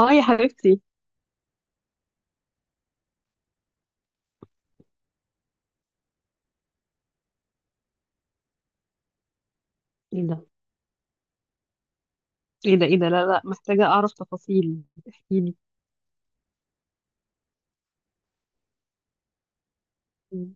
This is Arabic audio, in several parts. اه، يا حبيبتي. ايه ده؟ ايه ده؟ ايه ده؟ لا، لا، محتاجة اعرف تفاصيل. احكيلي. مم.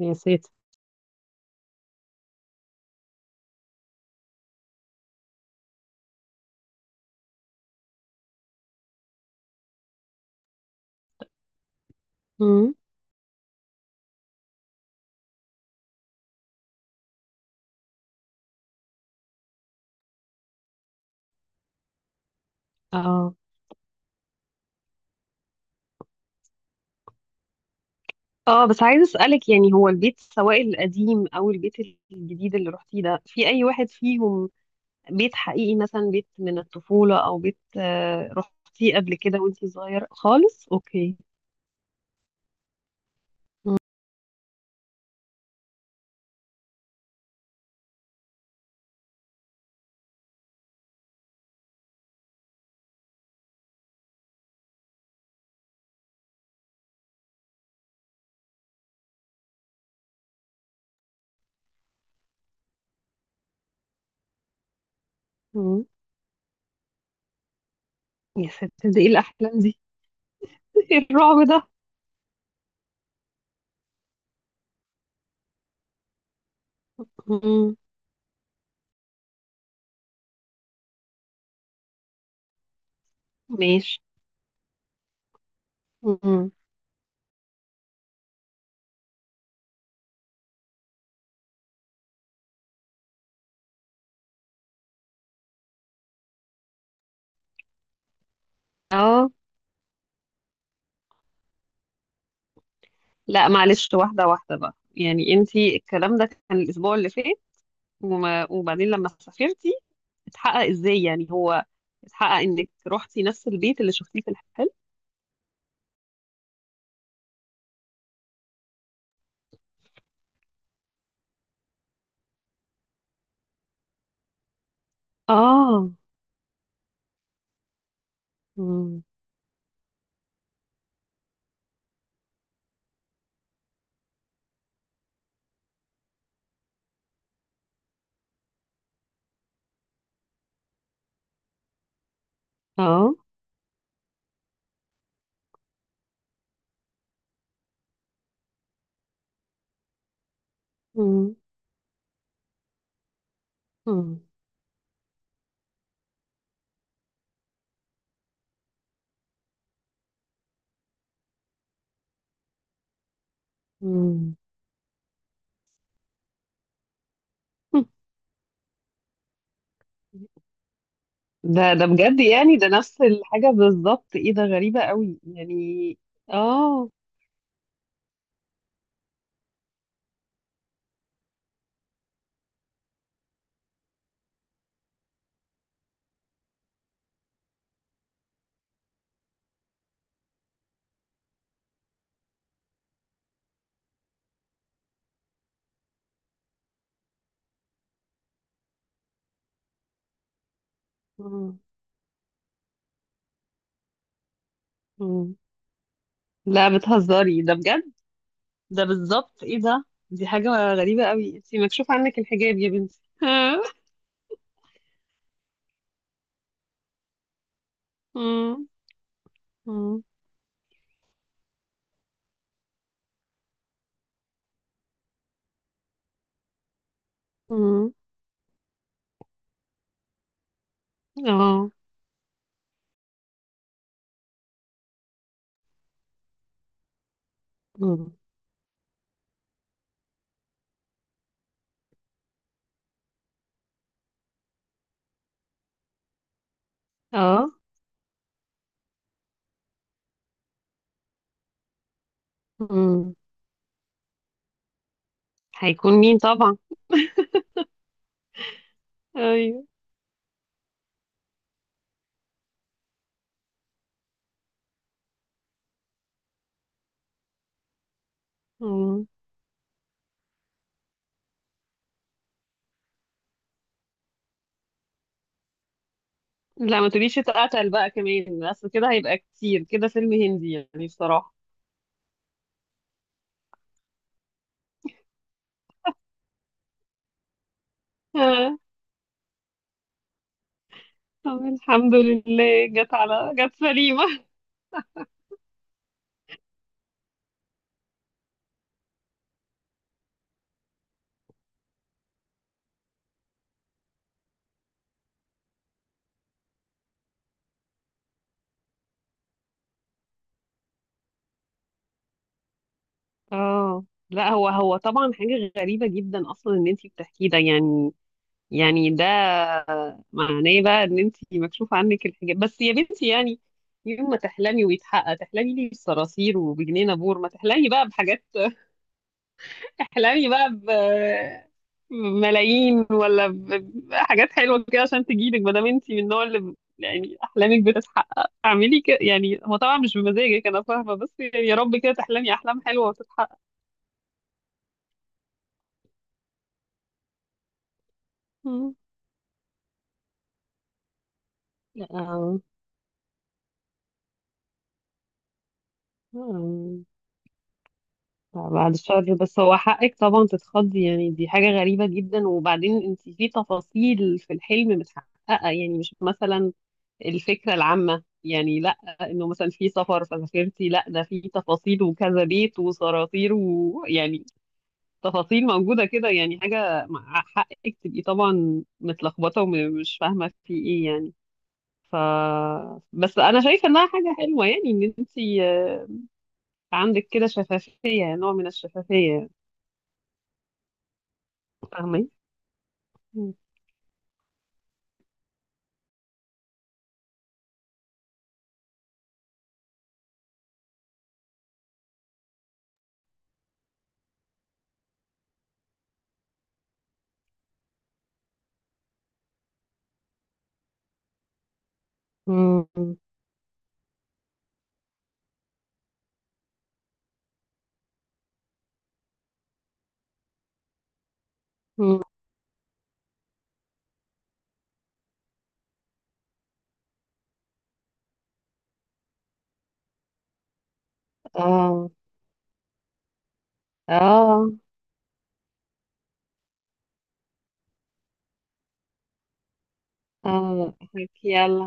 يا ساتر! امم اه، اه، بس عايزة اسألك، يعني هو البيت، سواء القديم او البيت الجديد اللي رحتيه ده، في اي واحد فيهم بيت حقيقي، مثلا بيت من الطفولة او بيت، رحتيه قبل كده وانتي صغيرة خالص؟ اوكي. امم يا ساتر، ده ايه الاحلام دي؟ ايه الرعب ده؟ امم ماشي. امم اه. لا، معلش، واحدة واحدة بقى، يعني انتي الكلام ده كان الأسبوع اللي فات، وبعدين لما سافرتي اتحقق ازاي؟ يعني هو اتحقق انك روحتي نفس البيت اللي شفتيه في الحلم؟ اه. مم. اه. مم. مم. مم. ده بجد، يعني ده نفس الحاجة بالظبط، ايه ده، غريبة قوي يعني. اه. مم. مم. لا، بتهزري، ده بجد. ده بالظبط. ايه ده، دي حاجة غريبة قوي، انتي مكشوف عنك الحجاب يا بنتي. مم. مم. مم. اه. مم. اه. مم. هيكون مين طبعا. ايوه. مم. لا، ما تقوليش اتقتل بقى كمان، اصل كده هيبقى كتير، كده فيلم هندي يعني بصراحة. آه. طب الحمد لله، جت على جت سليمة. اه. لا، هو هو طبعا حاجة غريبة جدا اصلا ان انتي بتحكيه ده يعني. يعني ده معناه بقى ان انت مكشوف عنك الحجاب بس يا بنتي يعني. يوم ما تحلمي ويتحقق، تحلمي لي بصراصير وبجنينة بور؟ ما تحلمي بقى بحاجات. تحلمي بقى بملايين ولا بحاجات حلوة كده، عشان تجيلك، ما دام انت من النوع اللي يعني احلامك بتتحقق. اعملي كده يعني، هو طبعا مش بمزاجك، انا فاهمة، بس يعني يا رب كده تحلمي احلام حلوة وتتحقق. مم. لا. آه. آه. بعد الشر، بس هو حقك طبعا تتخضي، يعني دي حاجة غريبة جدا. وبعدين انت في تفاصيل في الحلم متحققة، يعني مش مثلا الفكرة العامة يعني، لا انه مثلا في سفر فسافرتي، لا ده في تفاصيل وكذا بيت وصراطير ويعني تفاصيل موجودة كده، يعني حاجة، مع حقك تبقي طبعا متلخبطة ومش فاهمة في ايه يعني. ف بس انا شايفة انها حاجة حلوة، يعني ان انت عندك كده شفافية، نوع من الشفافية. فاهمة؟ مم. مم. اه. اه. اه. يلا.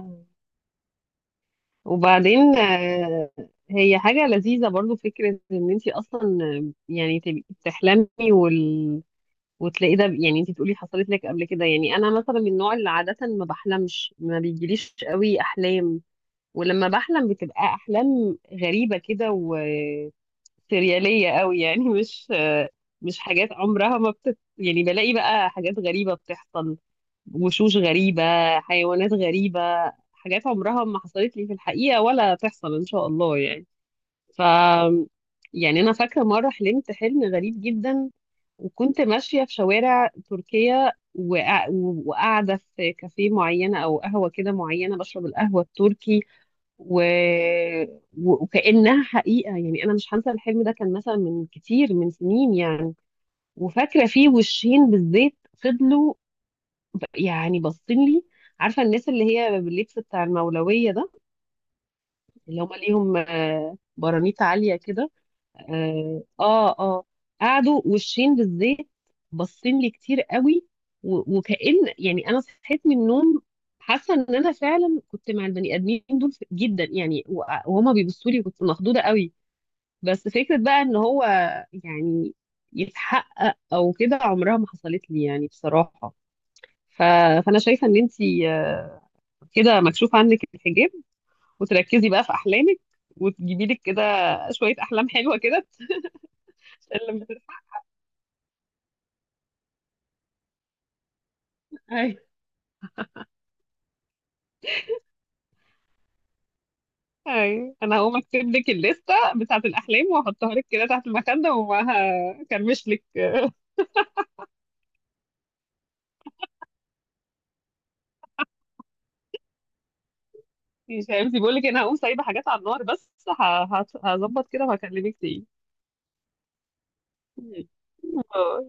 وبعدين. هي حاجة لذيذة برضو، فكرة ان انتي اصلا يعني تبقي بتحلمي وتلاقي ده، يعني انتي بتقولي حصلت لك قبل كده. يعني انا مثلا من النوع اللي عادة ما بحلمش، ما بيجيليش قوي احلام، ولما بحلم بتبقى احلام غريبة كده وسريالية قوي يعني، مش مش حاجات عمرها ما بتت... يعني، بلاقي بقى حاجات غريبة بتحصل، وشوش غريبة، حيوانات غريبة، حاجات عمرها ما حصلت لي في الحقيقة ولا تحصل إن شاء الله يعني. ف يعني أنا فاكرة مرة حلمت حلم غريب جدا، وكنت ماشية في شوارع تركيا وقاعدة في كافيه معينة أو قهوة كده معينة، بشرب القهوة التركي و... و- وكأنها حقيقة. يعني أنا مش هنسى الحلم ده، كان مثلا من كتير من سنين يعني. وفاكرة فيه وشين بالزيت، فضلوا يعني باصين لي. عارفه الناس اللي هي باللبس بتاع المولويه ده، اللي هم ليهم برانيت عاليه كده. اه. اه. آه. قعدوا وشين بالزيت، باصين لي كتير قوي و- وكأن يعني انا صحيت من النوم، حاسه ان انا فعلا كنت مع البني ادمين دول جدا يعني وهما بيبصوا لي، كنت مخضوضه قوي. بس فكره بقى ان هو يعني يتحقق او كده، عمرها ما حصلت لي يعني بصراحه. ف... فانا شايفه ان انتي كده مكشوف عنك الحجاب، وتركزي بقى في احلامك، وتجيبي لك كده شويه احلام حلوه كده. عشان لما، أيوة. اي، أي. انا هقوم اكتب لك الليسته بتاعه الاحلام واحطها لك كده تحت المخده، ومعاها كرمش لك. مش عارفه، بقول لك انا هقوم سايبه حاجات على النار، بس هظبط كده وهكلمك تاني. باي.